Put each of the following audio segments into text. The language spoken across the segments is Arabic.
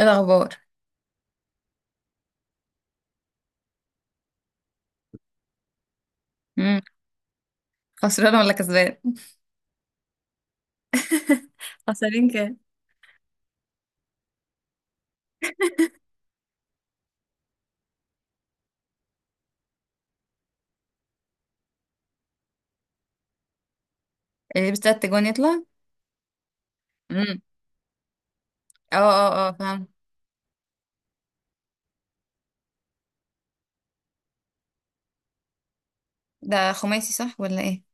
ايه الاخبار؟ امم. خسران ولا كسبان؟ خسرين كام؟ اللي يلبس تلات جوان يطلع. امم. اه، اه، اه، فاهم. ده خماسي، صح ولا ايه؟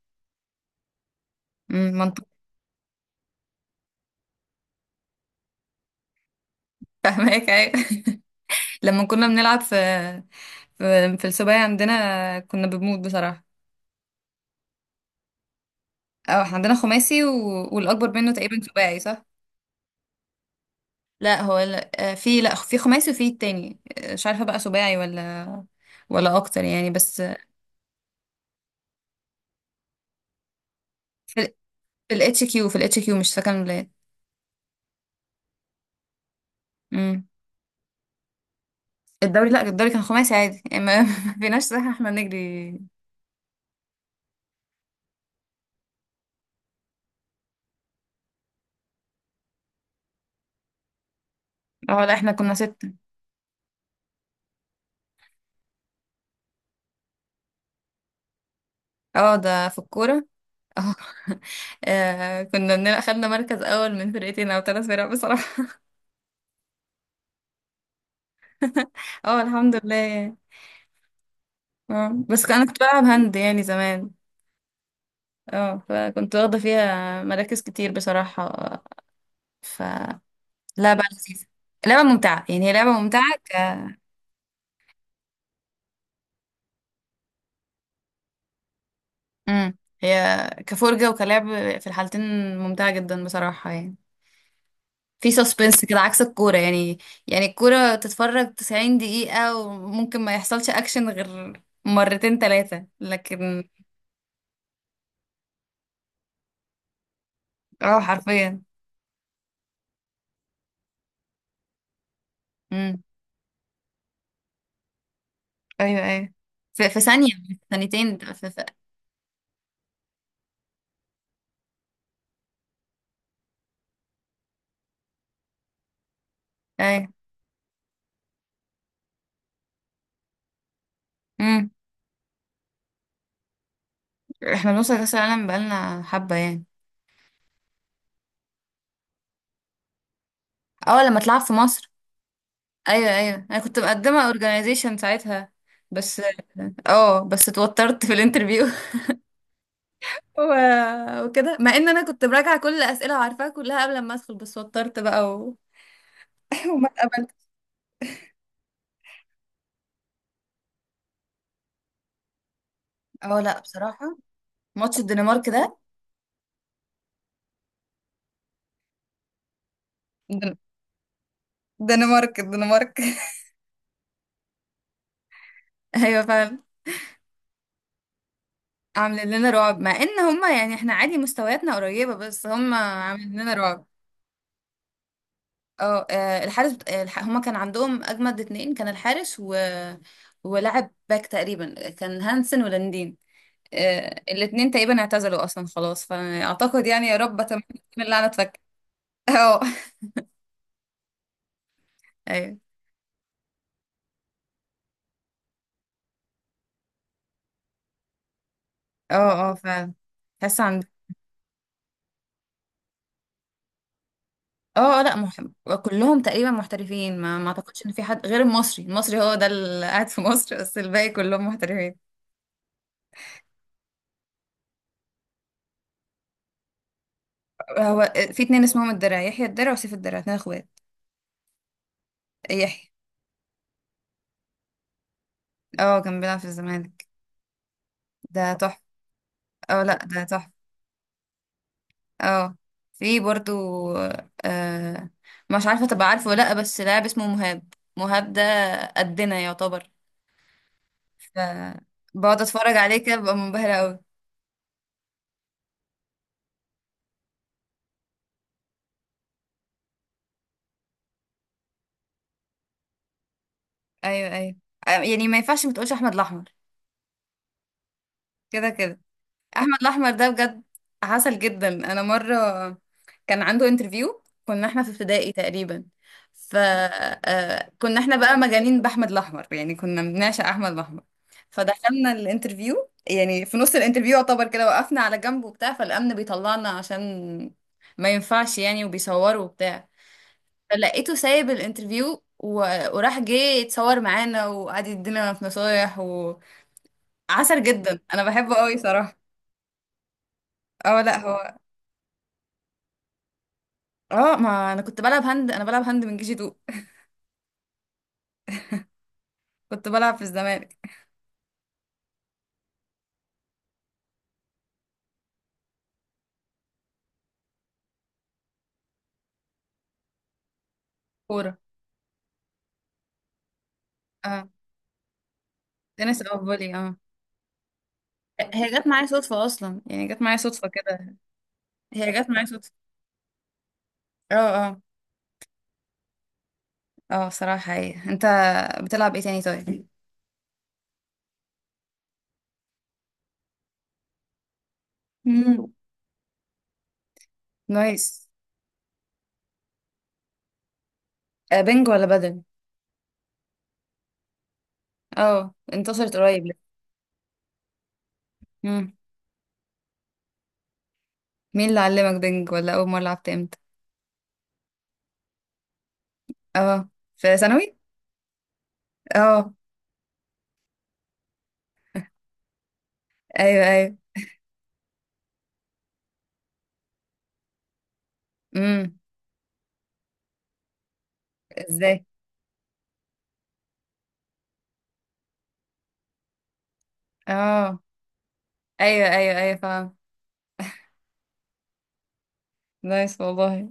منطق. فاهمك، ايوه. لما كنا بنلعب في, في السباعي عندنا كنا بنموت بصراحه. اه، احنا عندنا خماسي والاكبر منه تقريبا سباعي، صح؟ لا هو لا، في، لا، في خماسي وفي التاني، مش عارفه بقى سباعي ولا اكتر يعني، بس. في في الاتش كيو مش فاكره الولاد. الدوري، لا، الدوري كان خماسي عادي يعني، ما ما فيناش صح احنا نجري. اه، لا، احنا كنا ستة. اه، ده في الكورة. اه. كنا بنبقى خدنا مركز أول من فرقتين أو ثلاث فرق بصراحة. اه، الحمد لله يعني. اه، بس أنا كنت بلعب هاند يعني زمان. اه، فكنت واخدة فيها مراكز كتير بصراحة. ف لعبة لذيذة. لعبة ممتعة يعني، هي لعبة ممتعة مم. هي كفرجة وكلعب، في الحالتين ممتعة جدا بصراحة يعني. في سسبنس كده، عكس الكورة يعني. يعني الكورة تتفرج 90 دقيقة وممكن ما يحصلش أكشن غير مرتين تلاتة، لكن اه، حرفيا. امم. أيوه، أيوه. في ثانية، في ثانيتين، أيوه. امم احنا بنوصل كأس العالم بقالنا حبة يعني. اه، لما تلعب في مصر. أيوه، أيوه، أنا كنت مقدمة organization ساعتها، بس. اه، بس اتوترت في الانترفيو. و... وكده مع ان انا كنت براجعه كل الاسئله وعارفاها كلها قبل ما ادخل، بس وترت بقى. وما اتقبلت. اه، لا بصراحة. ماتش الدنمارك ده، دن- دنمارك، الدنمارك. ايوه فعلا. عاملين لنا رعب، مع ان هما يعني احنا عادي مستوياتنا قريبة، بس هما عاملين لنا رعب. اه، هما كان عندهم اجمد اتنين، كان الحارس ولاعب باك تقريبا، كان هانسن ولاندين. الاتنين تقريبا اعتزلوا اصلا خلاص، فاعتقد يعني، يا رب اتمنى إن اللعنة تفك. اه. ايوه، اه، اه، فعلا. تحس عندهم. اه، لا، كلهم تقريبا محترفين، ما اعتقدش ان في حد غير المصري. المصري هو ده اللي قاعد في مصر، بس الباقي كلهم محترفين. هو في اتنين اسمهم الدرع، يحيى الدرع وسيف الدرع، اتنين اخوات. يحيى، اه، كان بيلعب في الزمالك. ده تحفة. اه، لا، ده تحفة. اه، في برضو. آه مش عارفة تبقى عارفه ولا لا، بس لاعب اسمه مهاب، مهاب ده قدنا يعتبر. ف بقعد اتفرج عليه كده، ببقى منبهرة قوي. ايوه، ايوه. يعني ما ينفعش ما تقولش احمد الاحمر، كده كده. احمد الاحمر ده بجد عسل جدا. انا مره كان عنده انترفيو، كنا احنا في ابتدائي تقريبا. كنا احنا بقى مجانين باحمد الاحمر يعني، كنا بنعشق احمد الاحمر. فدخلنا الانترفيو، يعني في نص الانترفيو يعتبر كده وقفنا على جنب وبتاع، فالامن بيطلعنا عشان ما ينفعش يعني، وبيصوروا وبتاع. فلقيته سايب الانترفيو وراح جه يتصور معانا، وقعد يدينا في نصايح، وعسل جدا، انا بحبه قوي صراحه. اه، لا، هو. اه، ما انا كنت بلعب هاند، انا بلعب هاند من جي 2. كنت بلعب في الزمالك. كوره، اه. تنس او فولي، اه. هي جت معايا صدفه اصلا يعني، جت معايا صدفه كده. هي جت معايا صدفه. اه، اه، اه. صراحه، هي انت بتلعب ايه تاني، طيب؟ امم، نايس. بنج ولا بدل؟ اه، انتصرت قريب لسه. مم. مين اللي علمك بنج؟ ولا اول مره لعبت امتى؟ اه، في ثانوي. اه، ايوه، ايوه. امم. ازاي؟ اه، ايوه، ايوه، ايوه، فاهم. نايس والله.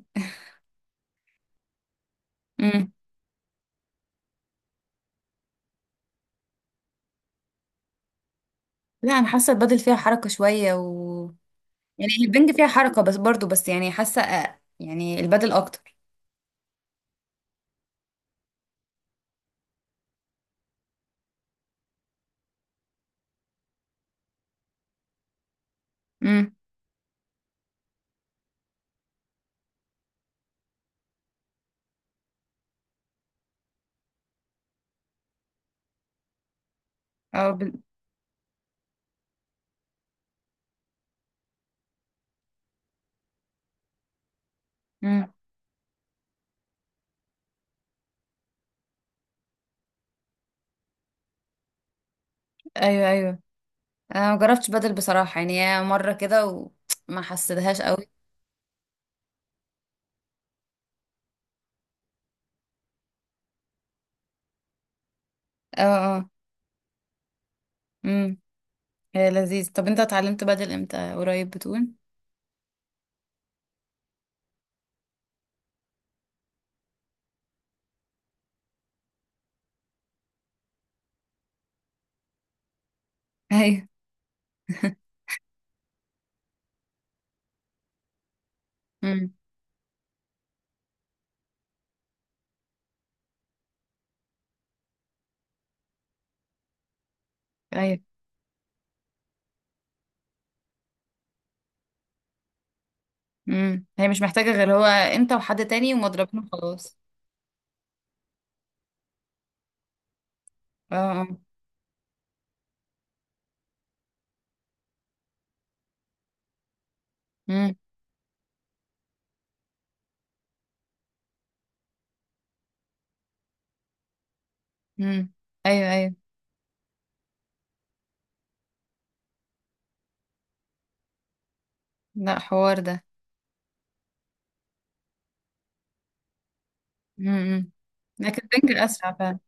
لا، انا حاسه البادل فيها حركه شويه و... يعني هي البنج فيها حركه بس برضو، بس يعني حاسه يعني البادل اكتر. امم. او ب... امم. ايوه، ايوه. انا ما جربتش بادل بصراحه يعني، هي مره كده وما حسيتهاش قوي. اه، اه. امم. هي لذيذ. طب انت اتعلمت بادل امتى؟ قريب بتقول؟ ايوه. امم، ايوه. امم. هي مش محتاجه غير هو انت وحد تاني ومضربين، خلاص. اه، اه. امم، امم. ايوه، ايوه. لا، حوار ده. امم، لكن البنج اسرع فعلا.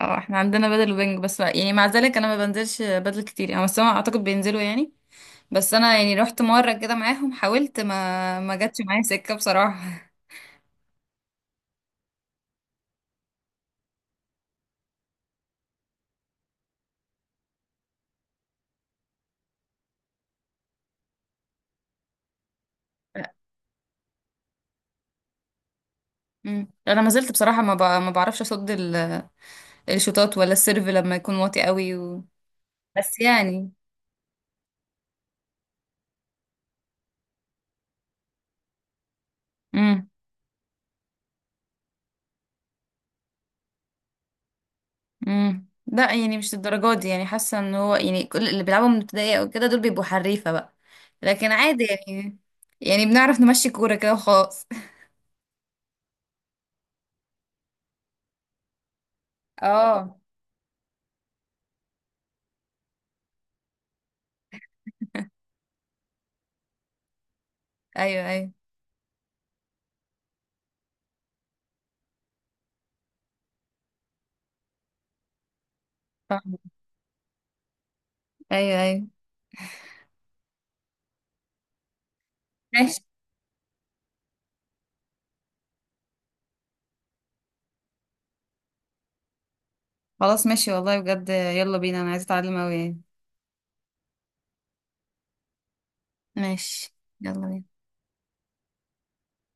اه، احنا عندنا بدل وبنج، بس يعني مع ذلك انا ما بنزلش بدل كتير يعني، بس هم اعتقد بينزلوا يعني. بس انا يعني رحت مره كده معاهم، حاولت، ما جاتش معايا سكه بصراحه. لا. مم. انا ما زلت بصراحه ما بعرفش اصد الشوطات ولا السيرف لما يكون واطي قوي و... بس يعني. امم، امم. لا يعني مش الدرجات دي يعني، حاسه ان هو يعني كل اللي بيلعبوا من ابتدائي او كده دول بيبقوا حريفه بقى. لكن عادي يعني، يعني بنعرف نمشي كوره كده وخلاص. اه، ايوه، ايوه، فاهمة. ايوه، ايوه، ماشي. خلاص، ماشي والله، بجد يلا بينا، انا عايزة اتعلم اوي يعني. ماشي، يلا بينا.